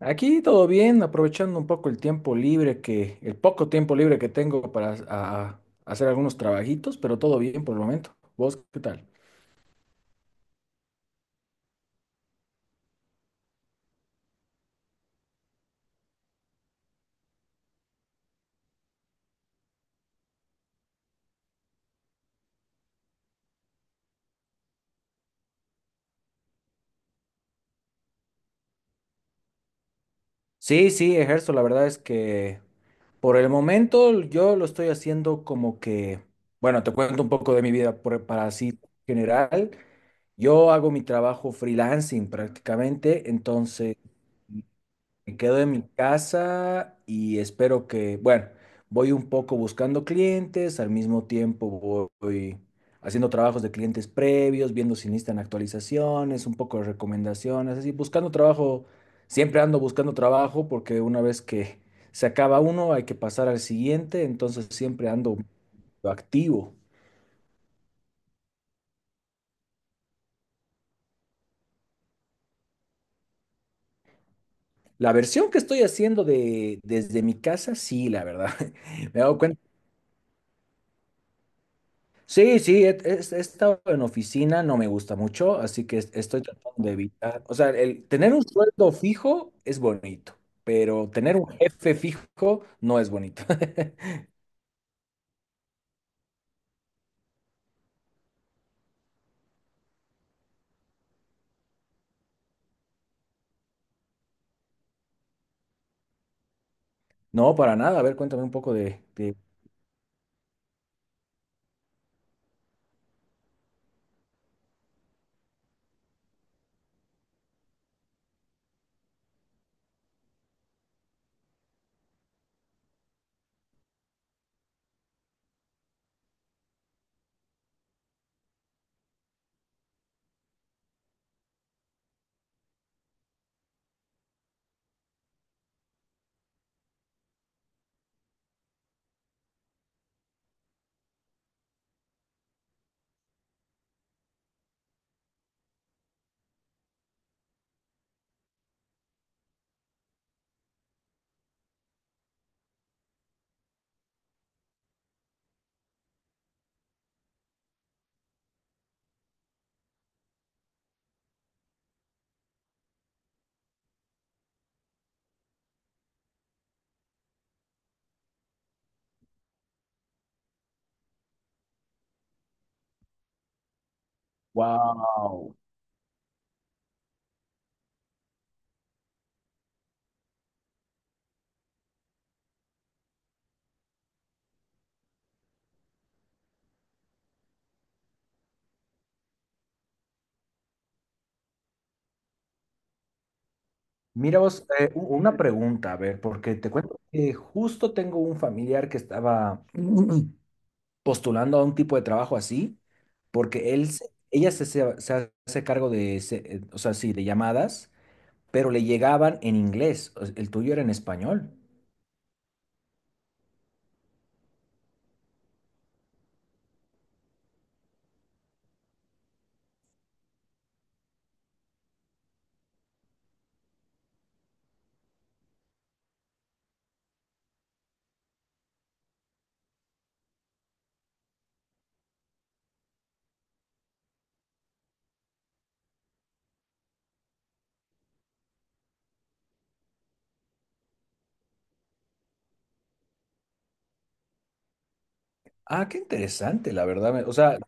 Aquí todo bien, aprovechando un poco el tiempo libre el poco tiempo libre que tengo para hacer algunos trabajitos, pero todo bien por el momento. ¿Vos qué tal? Sí, sí, ejerzo. La verdad es que por el momento yo lo estoy haciendo bueno, te cuento un poco de mi vida para así general. Yo hago mi trabajo freelancing prácticamente. Me quedo en mi casa y espero que, bueno, voy un poco buscando clientes, al mismo tiempo voy haciendo trabajos de clientes previos, viendo si necesitan actualizaciones, un poco de recomendaciones, así, buscando trabajo, siempre ando buscando trabajo porque una vez que se acaba uno hay que pasar al siguiente, entonces siempre ando activo. La versión que estoy haciendo de desde mi casa, sí, la verdad. Me he dado cuenta. Sí, sí, he estado en oficina, no me gusta mucho, así que estoy tratando de evitar. O sea, el tener un sueldo fijo es bonito, pero tener un jefe fijo no es bonito. No, para nada. A ver, cuéntame un poco de... Wow. Mira vos, una pregunta, a ver, porque te cuento que justo tengo un familiar que estaba postulando a un tipo de trabajo así, porque ella se hace cargo o sea, sí, de llamadas pero le llegaban en inglés. El tuyo era en español. Ah, qué interesante, la verdad. O sea,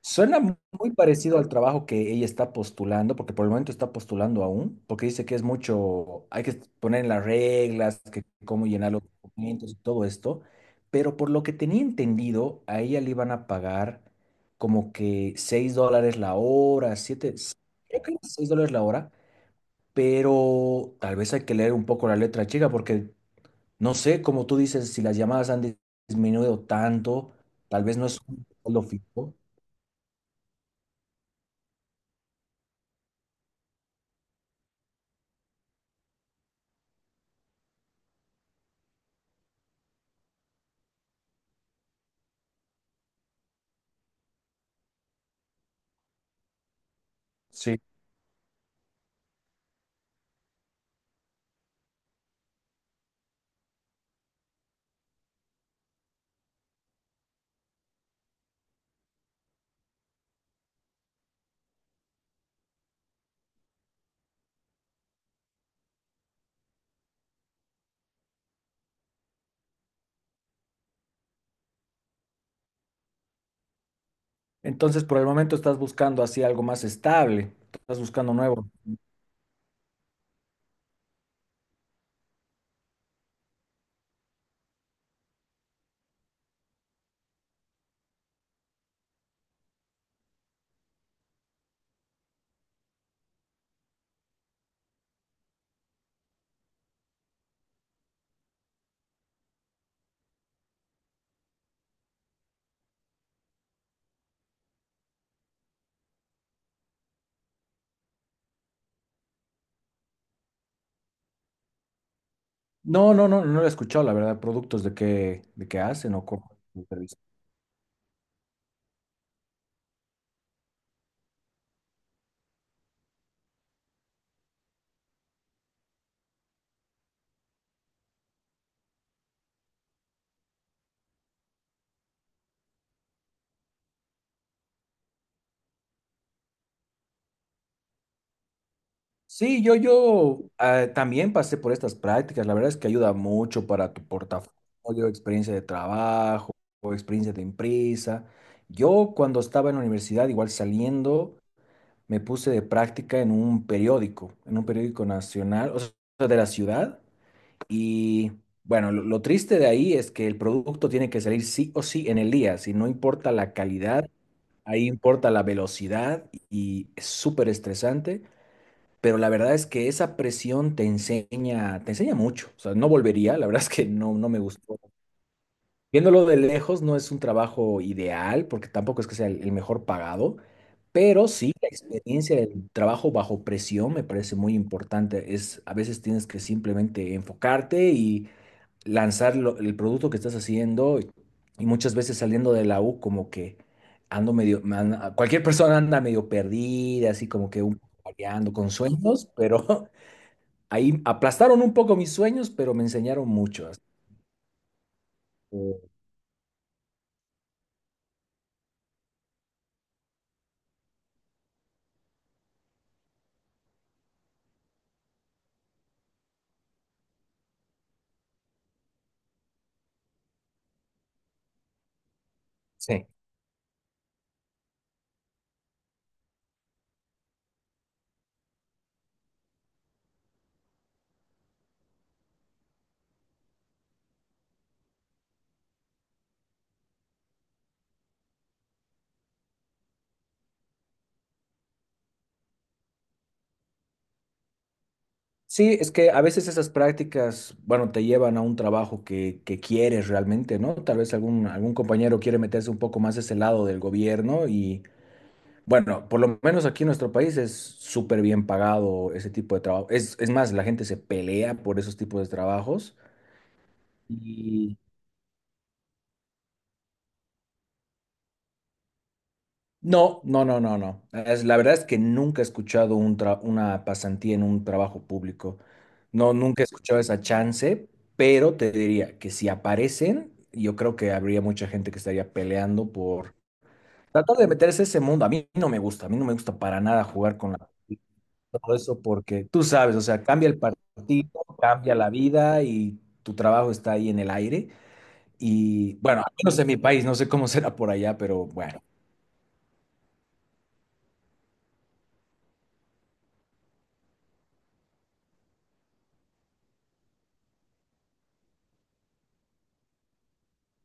suena muy parecido al trabajo que ella está postulando, porque por el momento está postulando aún, porque dice que es mucho, hay que poner en las reglas, que cómo llenar los documentos y todo esto. Pero por lo que tenía entendido, a ella le iban a pagar como que 6 dólares la hora, siete, creo que era 6 dólares la hora, pero tal vez hay que leer un poco la letra chica, porque no sé, como tú dices, si las llamadas han disminuido tanto, tal vez no es lo fijo. Sí. Entonces, por el momento estás buscando así algo más estable, estás buscando nuevo. No, no, no, no lo he escuchado, la verdad. ¿Productos de que hacen o cómo es el servicio? Sí, yo, también pasé por estas prácticas, la verdad es que ayuda mucho para tu portafolio, experiencia de trabajo, o experiencia de empresa. Yo cuando estaba en la universidad, igual saliendo me puse de práctica en un periódico nacional, o sea, de la ciudad. Y bueno, lo triste de ahí es que el producto tiene que salir sí o sí en el día, si no importa la calidad, ahí importa la velocidad y es súper estresante. Pero la verdad es que esa presión te enseña mucho. O sea, no volvería, la verdad es que no, no me gustó. Viéndolo de lejos, no es un trabajo ideal, porque tampoco es que sea el mejor pagado, pero sí la experiencia del trabajo bajo presión me parece muy importante. Es, a veces tienes que simplemente enfocarte y lanzar el producto que estás haciendo. Y muchas veces saliendo de la U, como que ando medio, cualquier persona anda medio perdida, así como que un poco variando con sueños, pero ahí aplastaron un poco mis sueños, pero me enseñaron mucho. Así que, sí. Sí, es que a veces esas prácticas, bueno, te llevan a un trabajo que quieres realmente, ¿no? Tal vez algún compañero quiere meterse un poco más a ese lado del gobierno y, bueno, por lo menos aquí en nuestro país es súper bien pagado ese tipo de trabajo. Es más, la gente se pelea por esos tipos de trabajos. No, no, no, no, no. Es, la verdad es que nunca he escuchado un una pasantía en un trabajo público. No, nunca he escuchado esa chance, pero te diría que si aparecen, yo creo que habría mucha gente que estaría peleando por tratar de meterse a ese mundo. A mí no me gusta, a mí no me gusta para nada jugar con la, todo eso porque tú sabes, o sea, cambia el partido, cambia la vida y tu trabajo está ahí en el aire. Y bueno, al menos en mi país, no sé cómo será por allá, pero bueno.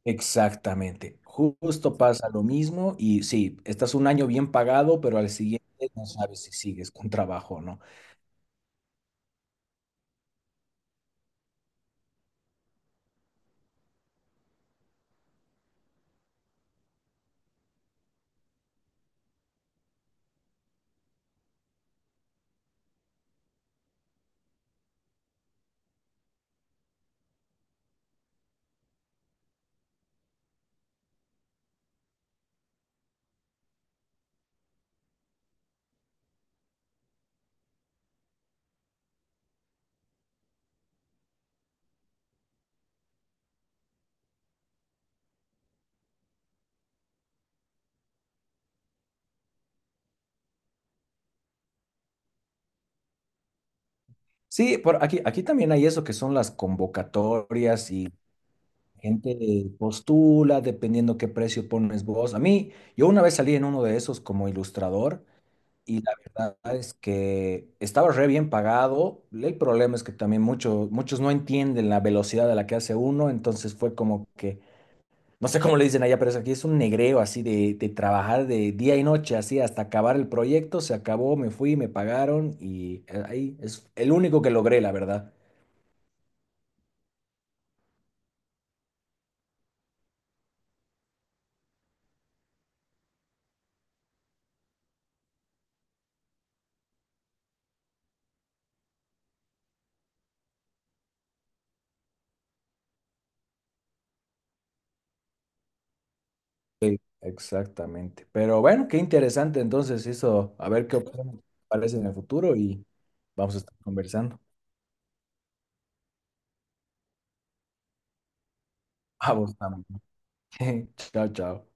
Exactamente. Justo pasa lo mismo y sí, estás un año bien pagado, pero al siguiente no sabes si sigues con trabajo o no. Sí, por aquí, aquí también hay eso que son las convocatorias y gente postula dependiendo qué precio pones vos. A mí, yo una vez salí en uno de esos como ilustrador y la verdad es que estaba re bien pagado. El problema es que también muchos no entienden la velocidad a la que hace uno, entonces fue como que no sé cómo le dicen allá, pero es aquí es un negreo así de trabajar de día y noche, así hasta acabar el proyecto. Se acabó, me fui, me pagaron y, ahí es el único que logré, la verdad. Sí, exactamente. Pero bueno, qué interesante entonces eso. A ver qué opciones aparecen en el futuro y vamos a estar conversando. Vamos, también. Chao, chao.